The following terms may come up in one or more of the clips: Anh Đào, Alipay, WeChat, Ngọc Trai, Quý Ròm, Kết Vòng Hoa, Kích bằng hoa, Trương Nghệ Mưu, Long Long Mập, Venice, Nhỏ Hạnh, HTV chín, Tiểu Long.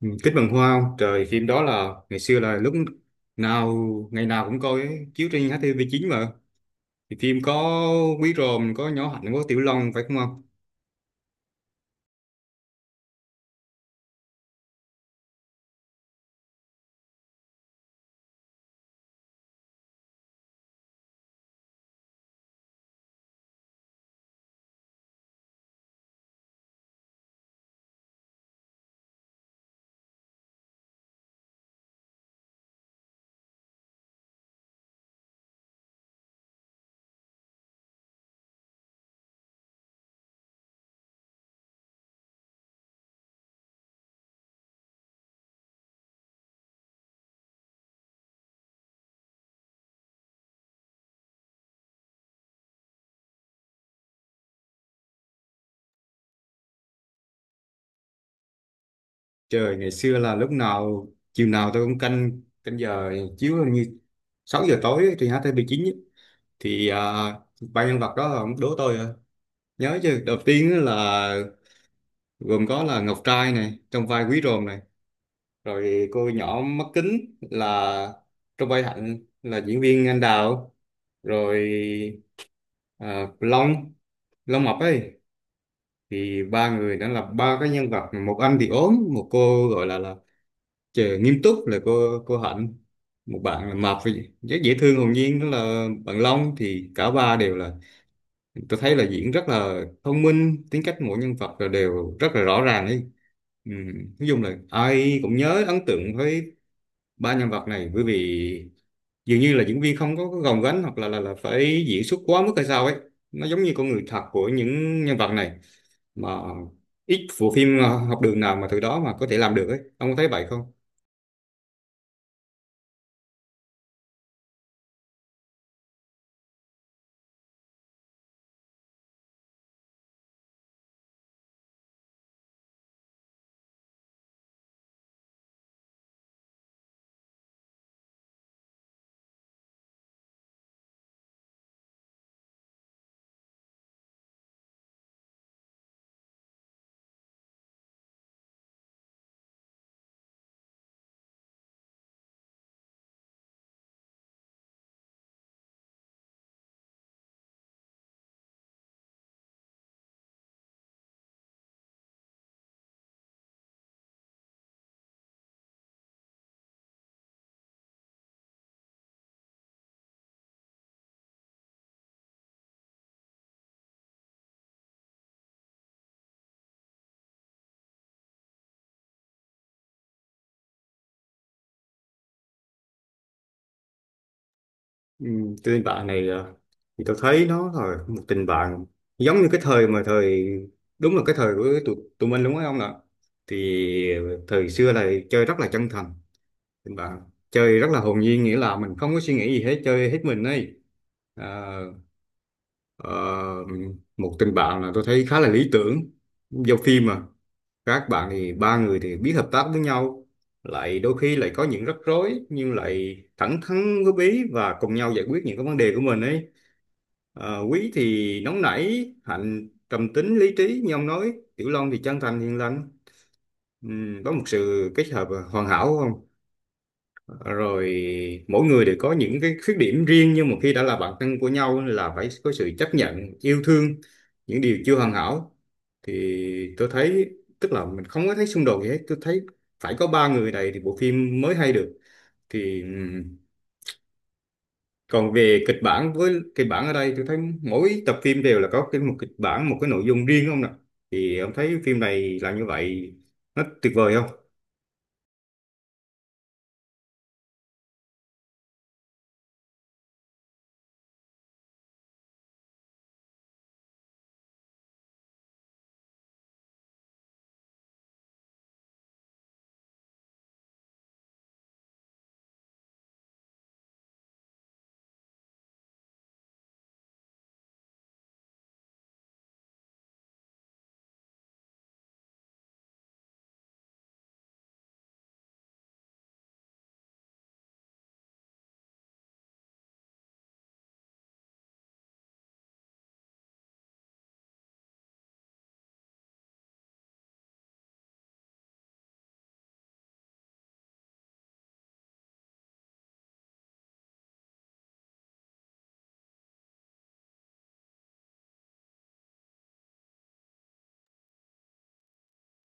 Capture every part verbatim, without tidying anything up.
Ừ, Kích bằng hoa không? Trời, phim đó là ngày xưa, là lúc nào ngày nào cũng coi ấy, chiếu trên hát tê vê chín mà. Thì phim có Quý Ròm, có Nhỏ Hạnh, có Tiểu Long phải không không? Trời, ngày xưa là lúc nào chiều nào tôi cũng canh canh giờ chiếu, hình như sáu giờ tối ấy, trên hát tê vê chín ấy. Thì à, ba nhân vật đó là ông đố tôi à. Nhớ chứ, đầu tiên á là gồm có là Ngọc Trai này trong vai Quý Ròm này, rồi cô nhỏ mắt kính là trong vai Hạnh, là diễn viên Anh Đào, rồi à, Long Long Mập ấy, thì ba người đã là ba cái nhân vật, một anh thì ốm, một cô gọi là là trời, nghiêm túc là cô cô Hạnh, một bạn là mập thì rất dễ thương hồn nhiên, đó là bạn Long, thì cả ba đều là tôi thấy là diễn rất là thông minh, tính cách mỗi nhân vật là đều rất là rõ ràng ấy, ừ. Nói chung là ai cũng nhớ ấn tượng với ba nhân vật này, bởi vì dường như là diễn viên không có, có gồng gánh hoặc là là là phải diễn xuất quá mức hay sao ấy, nó giống như con người thật của những nhân vật này, mà ít bộ phim ờ, học đường nào mà từ đó mà có thể làm được ấy, ông có thấy vậy không? Ừ, tình bạn này ờ, thì tôi thấy nó là một tình bạn giống như cái thời mà thời, đúng là cái thời của tụi, tụi mình đúng không ạ? Thì thời xưa là chơi rất là chân thành, tình bạn chơi rất là hồn nhiên, nghĩa là mình không có suy nghĩ gì hết, chơi hết mình ấy. à, Ờ, Một tình bạn là tôi thấy khá là lý tưởng, giao phim mà, các bạn thì ba người thì biết hợp tác với nhau, lại đôi khi lại có những rắc rối nhưng lại thẳng thắn góp ý và cùng nhau giải quyết những cái vấn đề của mình ấy. Ờ, Quý thì nóng nảy, Hạnh trầm tính lý trí như ông nói, Tiểu Long thì chân thành hiền lành. Ừm, có một sự kết hợp hoàn hảo không, rồi mỗi người đều có những cái khuyết điểm riêng, nhưng mà khi đã là bạn thân của nhau là phải có sự chấp nhận yêu thương những điều chưa hoàn hảo. Thì tôi thấy, tức là mình không có thấy xung đột gì hết, tôi thấy phải có ba người này thì bộ phim mới hay được. Thì ừm, còn về kịch bản, với kịch bản ở đây tôi thấy mỗi tập phim đều là có cái một kịch bản, một cái nội dung riêng không nè, thì ông thấy phim này là như vậy nó tuyệt vời không?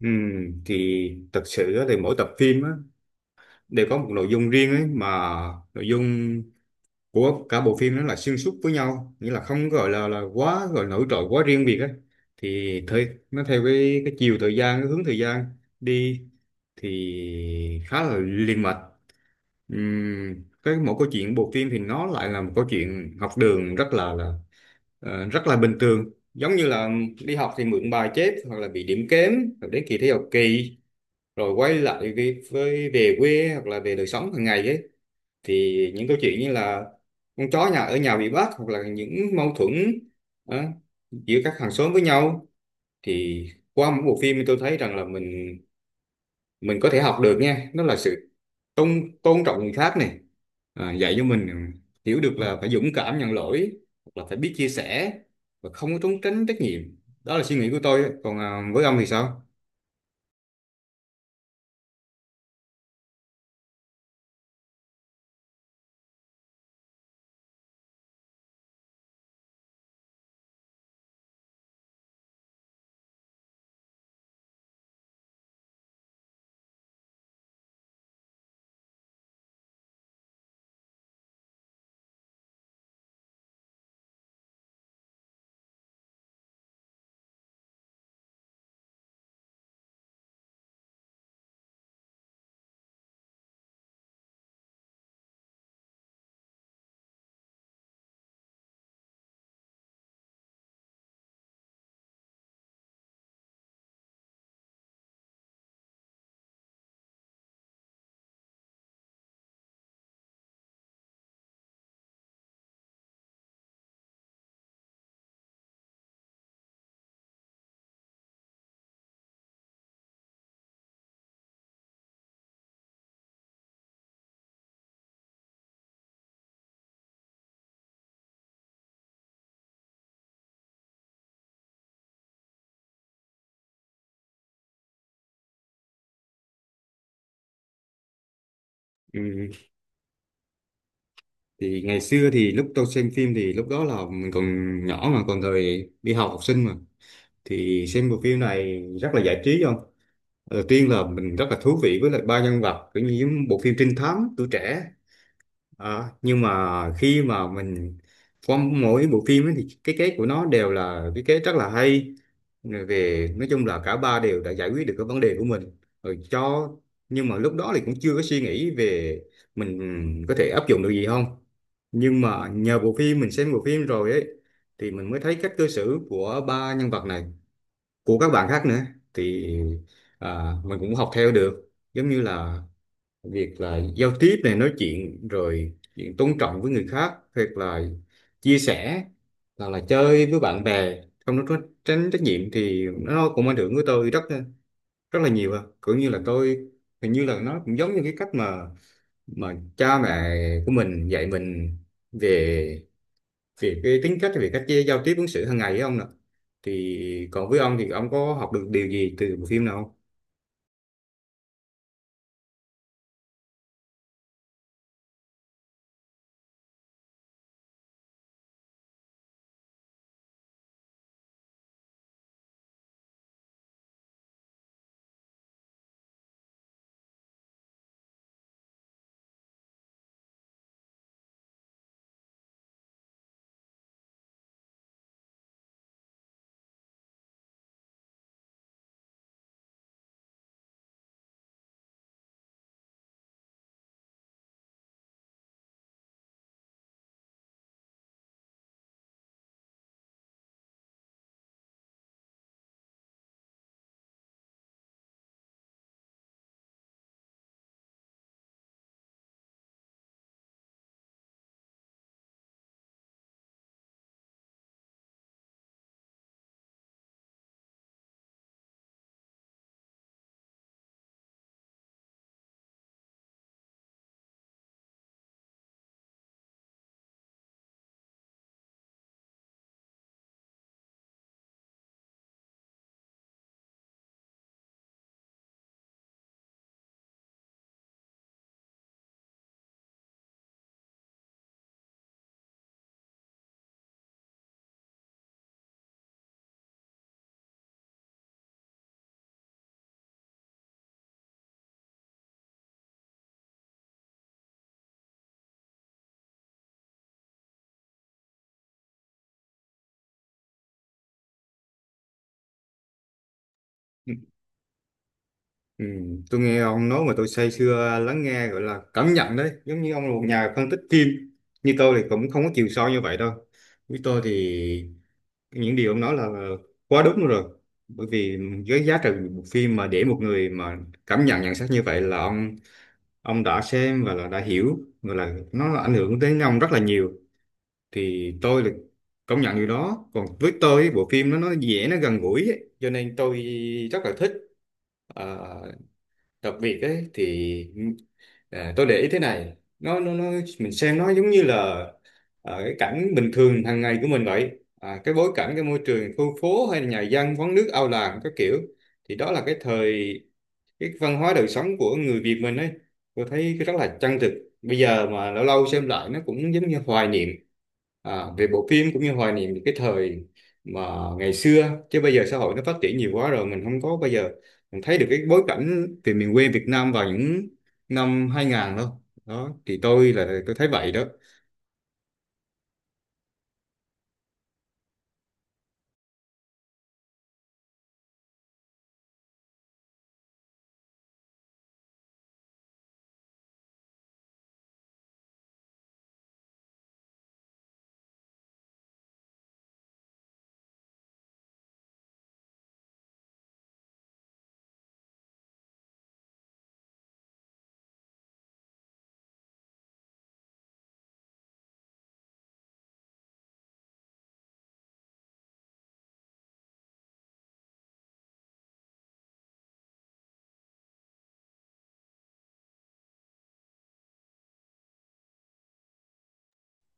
Ừm, thì thật sự á, thì mỗi tập phim á, đều có một nội dung riêng ấy, mà nội dung của cả bộ phim nó là xuyên suốt với nhau, nghĩa là không gọi là là quá gọi nổi trội quá riêng biệt ấy, thì thời nó theo cái cái chiều thời gian, cái hướng thời gian đi thì khá là liền mạch. Ừm, cái mỗi câu chuyện bộ phim thì nó lại là một câu chuyện học đường rất là là ờ, rất là bình thường, giống như là đi học thì mượn bài chép hoặc là bị điểm kém, hoặc đến kỳ thi học kỳ, rồi quay lại cái với về quê hoặc là về đời sống hàng ngày ấy, thì những câu chuyện như là con chó nhà ở nhà bị bắt, hoặc là những mâu thuẫn ờ, giữa các hàng xóm với nhau. Thì qua mỗi bộ phim tôi thấy rằng là mình mình có thể học được nha, đó là sự tôn tôn trọng người khác này, à, dạy cho mình hiểu được là phải dũng cảm nhận lỗi hoặc là phải biết chia sẻ và không có trốn tránh trách nhiệm. Đó là suy nghĩ của tôi, còn à, với ông thì sao? Ừ, thì ngày xưa thì lúc tôi xem phim thì lúc đó là mình còn nhỏ, mà còn thời đi học học sinh mà, thì xem bộ phim này rất là giải trí không, đầu tiên là mình rất là thú vị với lại ba nhân vật, kiểu như những bộ phim trinh thám tuổi trẻ. Ờ, nhưng mà khi mà mình qua mỗi bộ phim ấy, thì cái kết của nó đều là cái kết rất là hay. Rồi về nói chung là cả ba đều đã giải quyết được cái vấn đề của mình rồi cho, nhưng mà lúc đó thì cũng chưa có suy nghĩ về mình, ừ, có thể áp dụng được gì không. Nhưng mà nhờ bộ phim, mình xem bộ phim rồi ấy, thì mình mới thấy cách cư xử của ba nhân vật này, của các bạn khác nữa, thì à, mình cũng học theo được, giống như là việc là giao tiếp này, nói chuyện, rồi chuyện tôn trọng với người khác, hoặc là chia sẻ, hoặc là chơi với bạn bè không nó có tránh trách nhiệm, thì nó cũng ảnh hưởng với tôi rất rất là nhiều à. Cũng như là tôi hình như là nó cũng giống như cái cách mà mà cha mẹ của mình dạy mình về, về cái tính cách, về cách giao tiếp ứng xử hàng ngày ấy ông nè, thì còn với ông thì ông có học được điều gì từ bộ phim nào không? Ừ, tôi nghe ông nói mà tôi say sưa lắng nghe, gọi là cảm nhận đấy, giống như ông là một nhà phân tích phim, như tôi thì cũng không có chiều sâu như vậy đâu. Với tôi thì những điều ông nói là quá đúng rồi, bởi vì với giá trị một phim mà để một người mà cảm nhận nhận xét như vậy, là ông ông đã xem và là đã hiểu, gọi là nó ảnh hưởng đến ông rất là nhiều, thì tôi là công nhận điều đó. Còn với tôi ấy, bộ phim nó nó dễ, nó gần gũi ấy, cho nên tôi rất là thích. Ờ, Đặc biệt ấy thì à, tôi để ý thế này, nó nó nó mình xem nó giống như là à, cái cảnh bình thường hàng ngày của mình vậy, à, cái bối cảnh, cái môi trường khu phố hay là nhà dân, quán nước, ao làng các kiểu, thì đó là cái thời, cái văn hóa đời sống của người Việt mình ấy, tôi thấy cái rất là chân thực. Bây giờ mà lâu lâu xem lại nó cũng giống như hoài niệm, à, về bộ phim, cũng như hoài niệm những cái thời mà ngày xưa, chứ bây giờ xã hội nó phát triển nhiều quá rồi mình không có. Bây giờ mình thấy được cái bối cảnh về miền quê Việt Nam vào những năm hai nghìn đâu đó, thì tôi là tôi thấy vậy đó.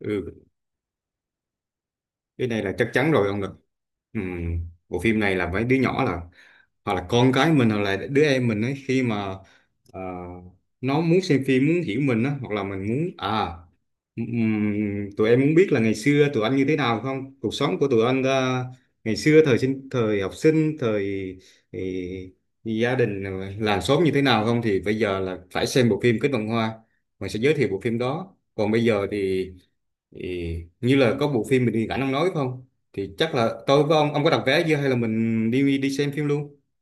Ừ, cái này là chắc chắn rồi ông ạ. Ừm, Bộ phim này là mấy đứa nhỏ là, hoặc là con cái mình, hoặc là đứa em mình ấy, khi mà Ờ, nó muốn xem phim, muốn hiểu mình á, hoặc là mình muốn à ừm, tụi em muốn biết là ngày xưa tụi anh như thế nào không, cuộc sống của tụi anh ờ, ngày xưa thời sinh thời học sinh thời thì, gia đình rồi làng xóm như thế nào không, thì bây giờ là phải xem bộ phim Kết Vòng Hoa, mình sẽ giới thiệu bộ phim đó. Còn bây giờ thì, thì như là có bộ phim mình đi ảnh ông nói không, thì chắc là tôi với ông ông có đặt vé chưa hay là mình đi đi xem phim luôn?